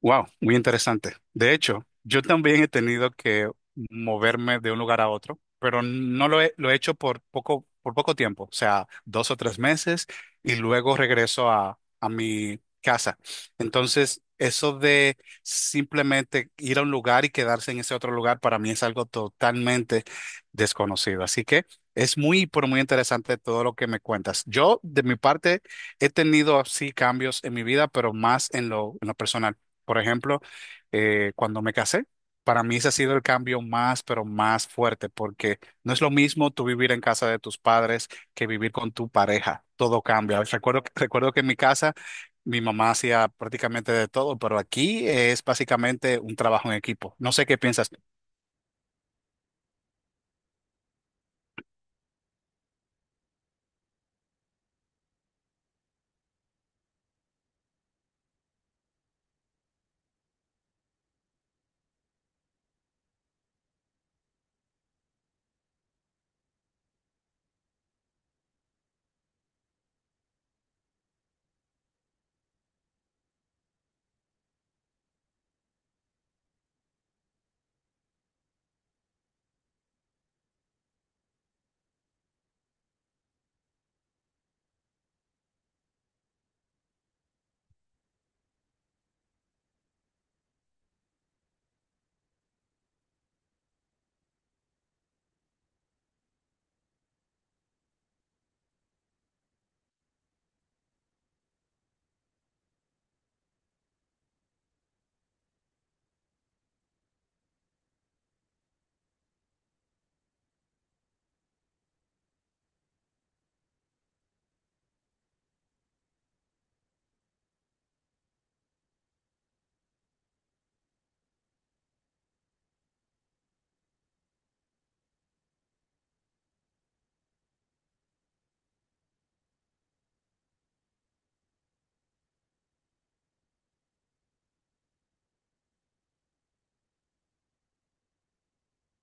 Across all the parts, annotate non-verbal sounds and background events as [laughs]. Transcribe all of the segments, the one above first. Wow, muy interesante. De hecho, yo también he tenido que moverme de un lugar a otro, pero no lo he hecho por poco tiempo, o sea, dos o tres meses, y luego regreso a mi casa. Entonces, eso de simplemente ir a un lugar y quedarse en ese otro lugar para mí es algo totalmente desconocido. Así que es muy, pero muy interesante todo lo que me cuentas. Yo, de mi parte, he tenido así cambios en mi vida, pero más en lo personal. Por ejemplo, cuando me casé, para mí ese ha sido el cambio más, pero más fuerte, porque no es lo mismo tú vivir en casa de tus padres que vivir con tu pareja. Todo cambia. Recuerdo que en mi casa mi mamá hacía prácticamente de todo, pero aquí es básicamente un trabajo en equipo. No sé qué piensas.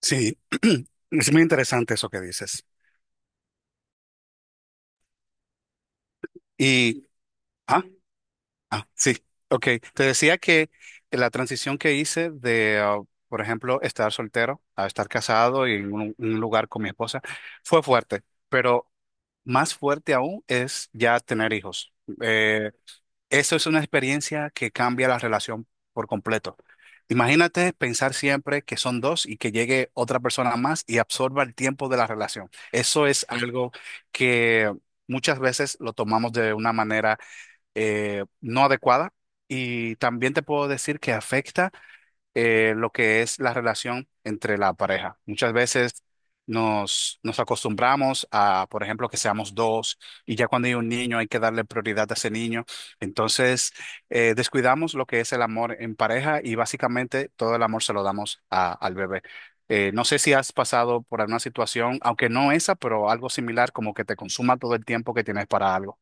Sí, [clears throat] es muy interesante eso que dices. Y, ah, Ah, sí, ok. Te decía que la transición que hice de, por ejemplo, estar soltero a estar casado y en un lugar con mi esposa fue fuerte, pero más fuerte aún es ya tener hijos. Eh, Eso es una experiencia que cambia la relación por completo. Imagínate pensar siempre que son dos y que llegue otra persona más y absorba el tiempo de la relación. Eso es algo que muchas veces lo tomamos de una manera no adecuada y también te puedo decir que afecta, lo que es la relación entre la pareja. Muchas veces nos acostumbramos a, por ejemplo, que seamos dos y ya cuando hay un niño hay que darle prioridad a ese niño. Entonces, descuidamos lo que es el amor en pareja y básicamente todo el amor se lo damos al bebé. No sé si has pasado por alguna situación, aunque no esa, pero algo similar, como que te consuma todo el tiempo que tienes para algo.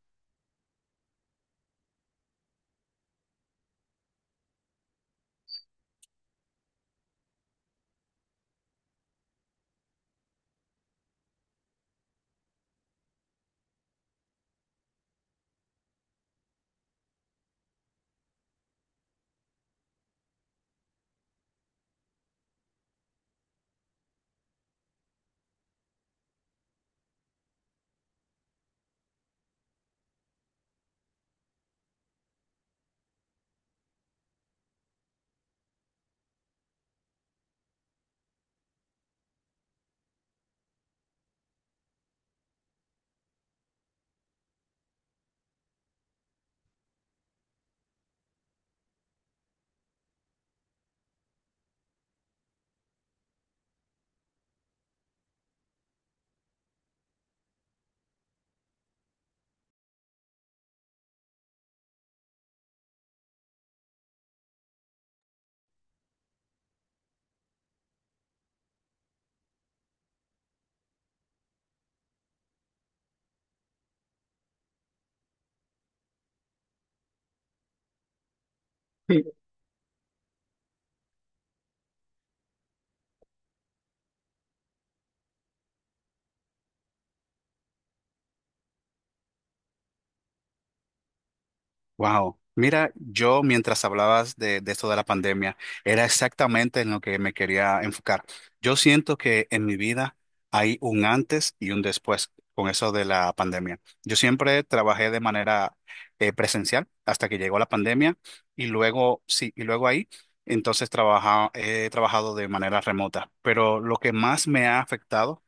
Wow. Mira, yo mientras hablabas de esto de la pandemia, era exactamente en lo que me quería enfocar. Yo siento que en mi vida hay un antes y un después con eso de la pandemia. Yo siempre trabajé de manera, presencial hasta que llegó la pandemia y luego, sí, y luego ahí, entonces he trabajado de manera remota. Pero lo que más me ha afectado,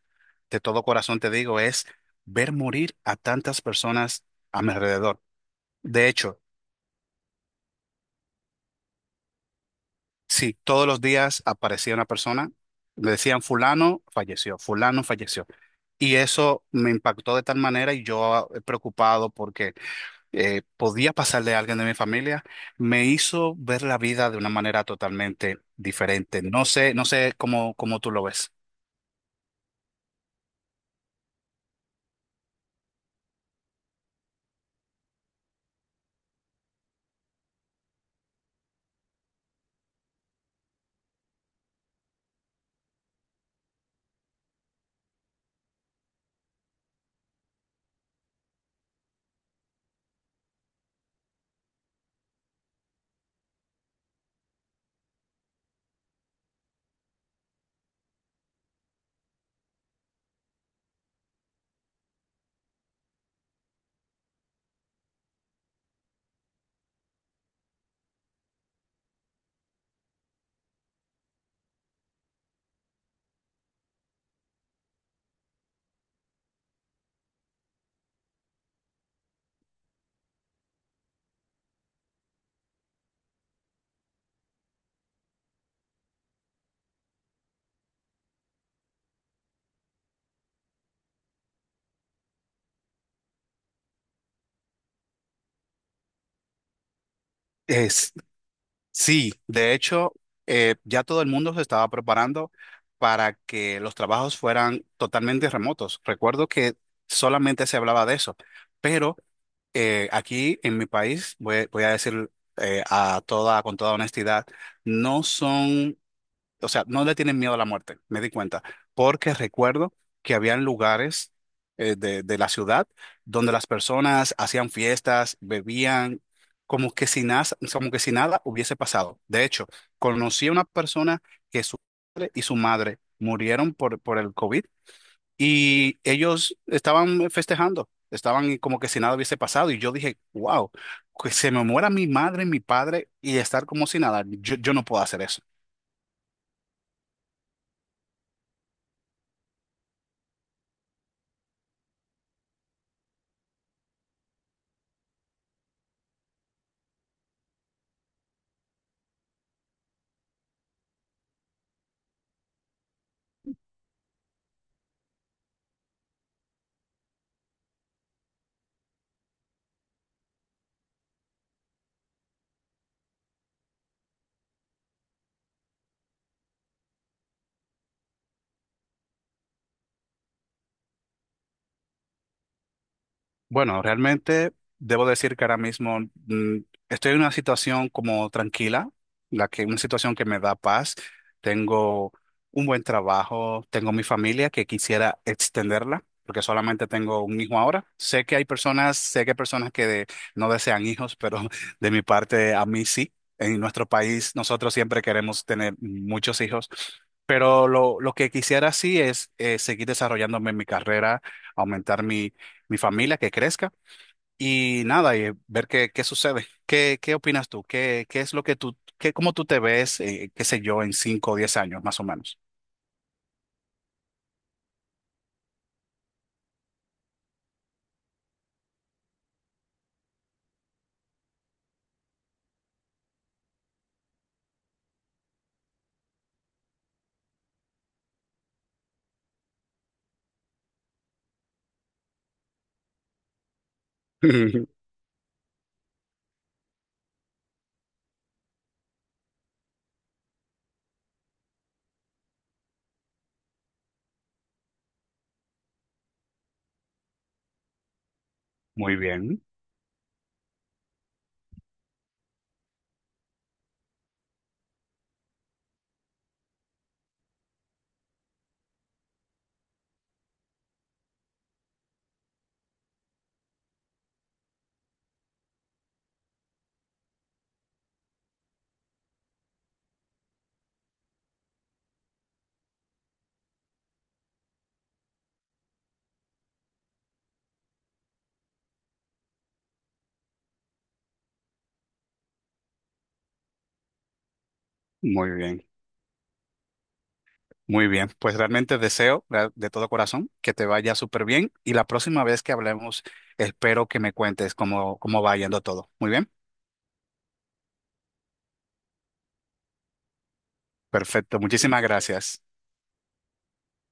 de todo corazón te digo, es ver morir a tantas personas a mi alrededor. De hecho, sí, todos los días aparecía una persona, le decían fulano falleció, fulano falleció. Y eso me impactó de tal manera y yo, preocupado porque podía pasarle a alguien de mi familia, me hizo ver la vida de una manera totalmente diferente. No sé cómo, cómo tú lo ves. Es, sí, de hecho, ya todo el mundo se estaba preparando para que los trabajos fueran totalmente remotos. Recuerdo que solamente se hablaba de eso, pero... aquí en mi país, voy a decir, a toda, con toda honestidad, no son, o sea, no le tienen miedo a la muerte, me di cuenta, porque recuerdo que habían lugares, de la ciudad, donde las personas hacían fiestas, bebían, como que si nada, como que si nada hubiese pasado. De hecho, conocí a una persona que su padre y su madre murieron por el COVID y ellos estaban festejando, estaban como que si nada hubiese pasado. Y yo dije, wow, que se me muera mi madre, mi padre y estar como si nada. Yo no puedo hacer eso. Bueno, realmente debo decir que ahora mismo, mm, estoy en una situación como tranquila, la que una situación que me da paz. Tengo un buen trabajo, tengo mi familia que quisiera extenderla, porque solamente tengo un hijo ahora. Sé que hay personas que no desean hijos, pero [laughs] de mi parte a mí sí. En nuestro país nosotros siempre queremos tener muchos hijos, pero lo que quisiera sí es, seguir desarrollándome en mi carrera, aumentar mi familia, que crezca y nada, y ver qué, qué sucede. ¿Qué opinas tú? ¿Qué es lo que tú, qué, cómo tú te ves, qué sé yo, en 5 o 10 años, más o menos? [laughs] Muy bien, muy bien, muy bien. Pues realmente deseo de todo corazón que te vaya súper bien y la próxima vez que hablemos, espero que me cuentes cómo, cómo va yendo todo. Muy bien, perfecto. Muchísimas gracias.